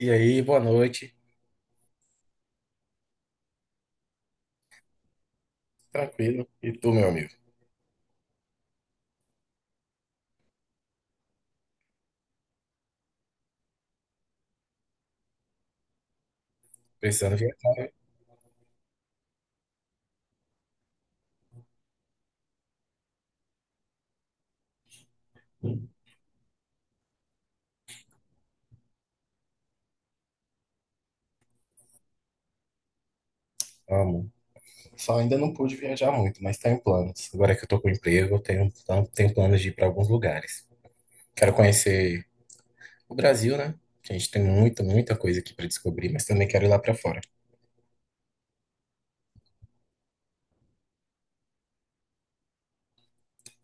E aí, boa noite. Tranquilo. E tu, meu amigo? Precisando viajar, né? Amo. Só ainda não pude viajar muito, mas tá em planos. Agora que eu tô com emprego, eu tenho, então, tenho planos de ir para alguns lugares. Quero conhecer o Brasil, né? Que a gente tem muita, muita coisa aqui para descobrir, mas também quero ir lá para fora.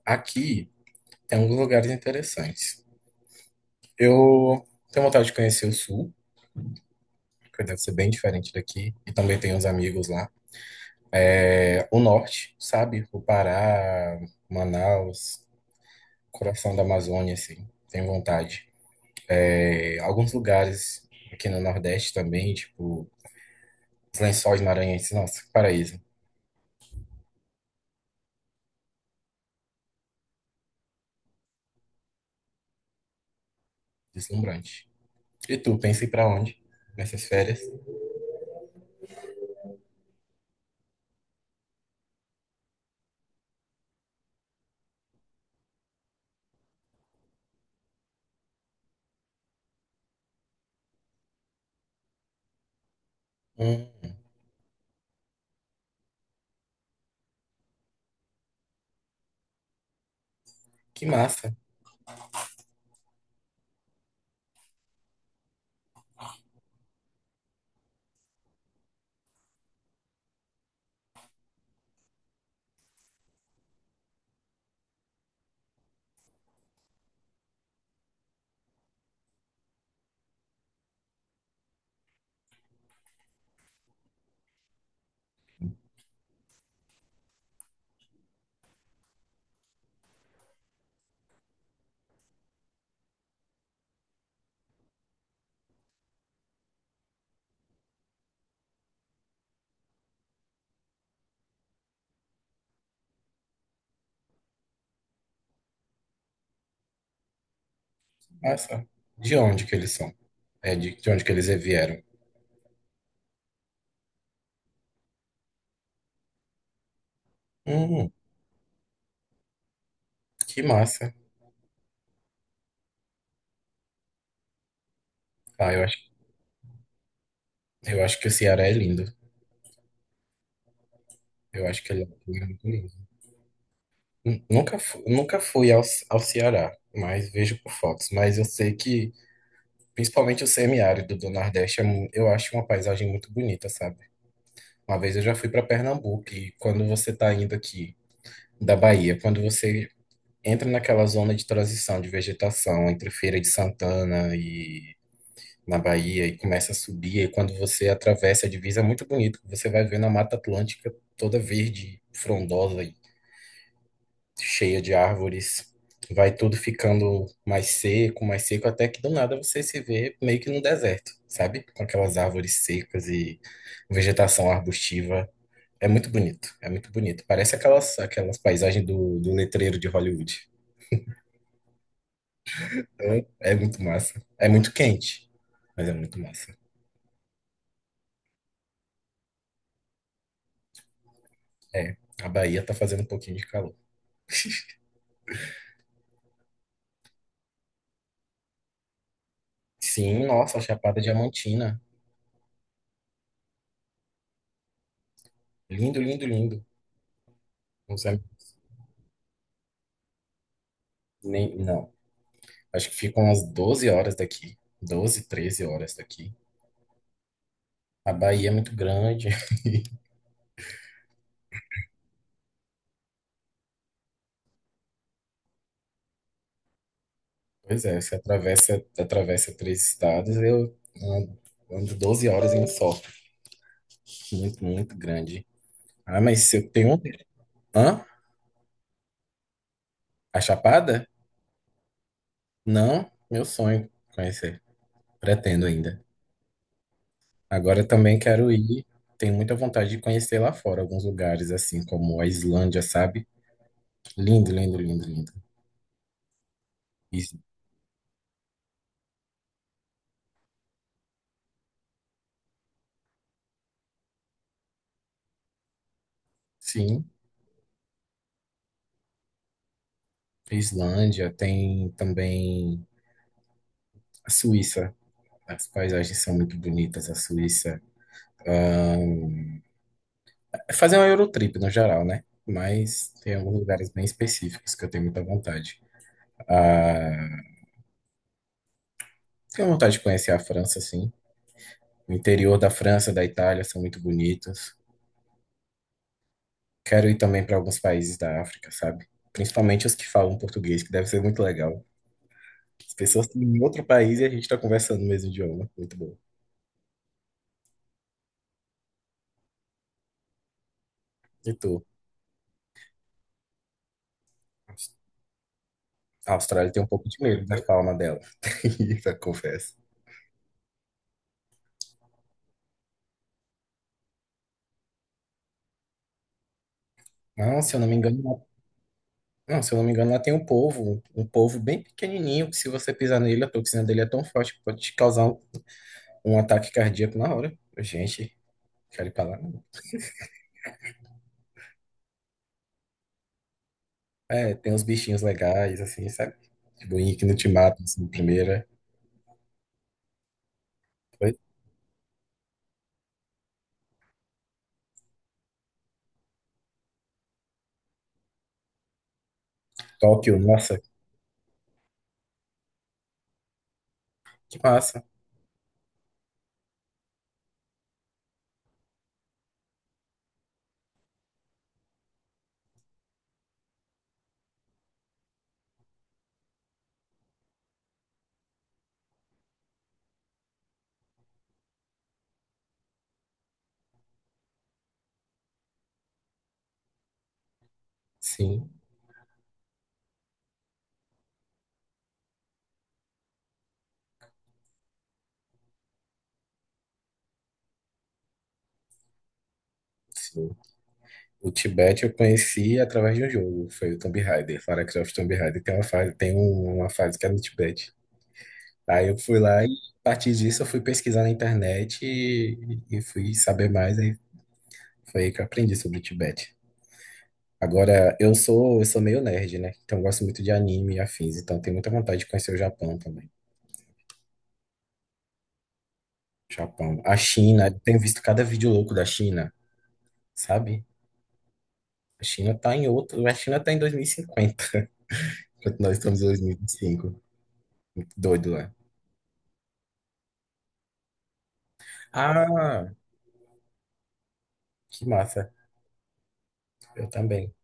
Aqui tem alguns lugares interessantes. Eu tenho vontade de conhecer o Sul, que deve ser bem diferente daqui, e também tenho uns amigos lá. É, o Norte, sabe? O Pará, Manaus. Coração da Amazônia, assim, tenho vontade. É, alguns lugares aqui no Nordeste também, tipo, os Lençóis Maranhenses, nossa, que paraíso, deslumbrante. E tu, pensa em ir pra onde nessas férias? Hum, que massa, massa. De onde que eles são? É, de onde que eles vieram? Hum, que massa. Ah, eu acho que o Ceará é lindo. Eu acho que ele é muito lindo. Nunca fui ao Ceará, mas vejo por fotos. Mas eu sei que principalmente o semiárido do Nordeste, eu acho uma paisagem muito bonita, sabe? Uma vez eu já fui para Pernambuco e quando você tá indo aqui da Bahia, quando você entra naquela zona de transição de vegetação entre Feira de Santana e na Bahia e começa a subir, e quando você atravessa a divisa é muito bonito, você vai vendo a Mata Atlântica toda verde, frondosa, cheia de árvores, vai tudo ficando mais seco, até que do nada você se vê meio que num deserto, sabe? Com aquelas árvores secas e vegetação arbustiva. É muito bonito, é muito bonito. Parece aquelas paisagens do letreiro de Hollywood. Então, é muito massa. É muito quente, mas é muito massa. É, a Bahia tá fazendo um pouquinho de calor. Sim, nossa, Chapada Diamantina. Lindo, lindo, lindo. Não sei, nem, não. Acho que ficam umas 12 horas daqui. 12, 13 horas daqui. A Bahia é muito grande. Pois é, você atravessa três estados, eu ando 12 horas em um só. Muito, muito grande. Ah, mas se eu tenho. Um. Hã? A Chapada? Não, meu sonho conhecer. Pretendo ainda. Agora eu também quero ir. Tenho muita vontade de conhecer lá fora alguns lugares, assim como a Islândia, sabe? Lindo, lindo, lindo, lindo. Is- Sim, Islândia tem também. A Suíça, as paisagens são muito bonitas, a Suíça. Ahn, É fazer uma Eurotrip no geral, né? Mas tem alguns lugares bem específicos que eu tenho muita vontade. Ah, tenho vontade de conhecer a França, sim. O interior da França, da Itália, são muito bonitos. Quero ir também para alguns países da África, sabe? Principalmente os que falam português, que deve ser muito legal. As pessoas estão em outro país e a gente está conversando no mesmo idioma. Muito bom. E tu? A Austrália tem um pouco de medo da fauna dela. Isso eu confesso. Não, se eu não me engano, lá- não, se eu não me engano, lá tem um polvo, bem pequenininho, que se você pisar nele, a toxina dele é tão forte que pode te causar um ataque cardíaco na hora. Gente, quero ir pra lá. Não. É, tem uns bichinhos legais, assim, sabe? Tipo, que não te matam, assim, de primeira. Foi Tóquio, nossa, que massa. Sim, sim. O Tibete eu conheci através de um jogo, foi o Tomb Raider, Lara Croft Tomb Raider. Tem uma fase, tem uma fase que é no Tibete. Aí eu fui lá e a partir disso eu fui pesquisar na internet e fui saber mais, aí foi aí que eu aprendi sobre o Tibete. Agora, eu sou meio nerd, né? Então eu gosto muito de anime e afins, então tenho muita vontade de conhecer o Japão também. Japão. A China, eu tenho visto cada vídeo louco da China, sabe? A China tá em 2050, enquanto nós estamos em 2025. Doido lá. Ah, que massa. Eu também.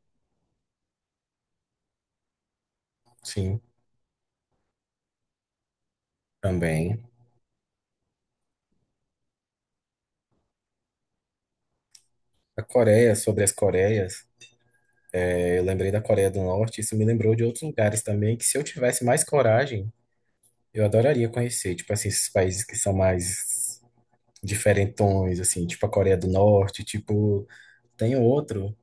Sim, também. A Coreia, sobre as Coreias. Eu lembrei da Coreia do Norte, isso me lembrou de outros lugares também, que se eu tivesse mais coragem, eu adoraria conhecer, tipo assim, esses países que são mais diferentões, assim, tipo a Coreia do Norte, tipo, tem outro,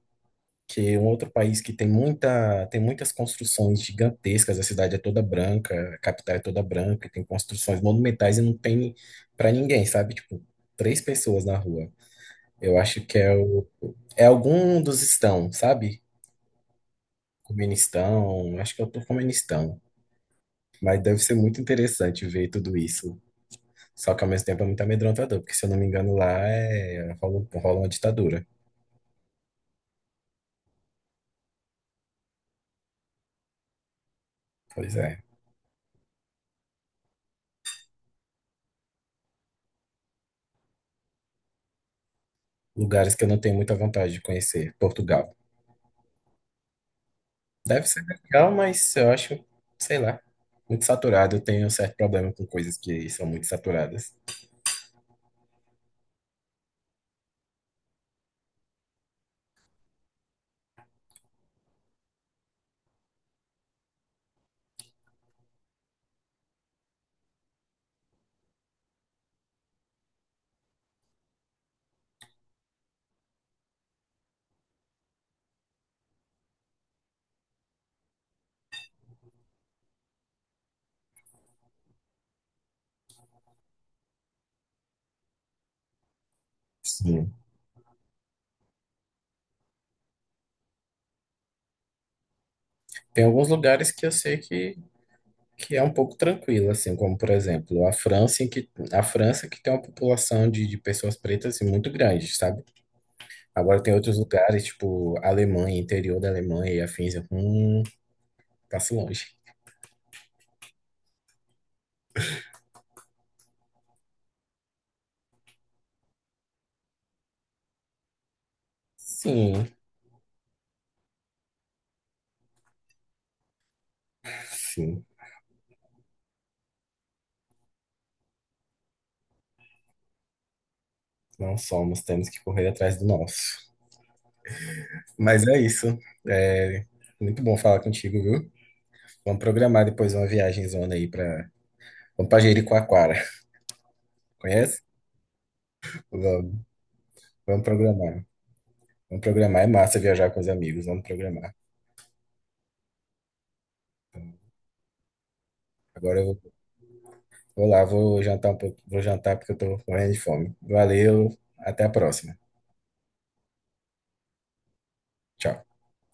que é um outro país que tem muita, tem muitas construções gigantescas, a cidade é toda branca, a capital é toda branca, tem construções monumentais e não tem pra ninguém, sabe? Tipo, três pessoas na rua. Eu acho que é o, é algum dos estão, sabe? Turcomenistão, acho que é o Turcomenistão. Mas deve ser muito interessante ver tudo isso. Só que ao mesmo tempo é muito amedrontador, porque se eu não me engano lá é... rola uma ditadura. Pois é. Lugares que eu não tenho muita vontade de conhecer. Portugal. Deve ser legal, mas eu acho, sei lá, muito saturado. Eu tenho um certo problema com coisas que são muito saturadas. Sim. Tem alguns lugares que eu sei que é um pouco tranquilo, assim, como por exemplo a França que tem uma população de pessoas pretas assim, muito grande, sabe? Agora tem outros lugares, tipo Alemanha, interior da Alemanha e afins. Passa longe. Sim, sim. Não somos, temos que correr atrás do nosso. Mas é isso. É muito bom falar contigo, viu? Vamos programar depois uma viagem zona aí pra. Vamos pra Jericoacoara. Conhece? Vamos, vamos programar. Vamos programar. É massa viajar com os amigos. Vamos programar. Agora eu vou lá, vou jantar um pouco, vou jantar porque eu tô morrendo de fome. Valeu, até a próxima. Tchau.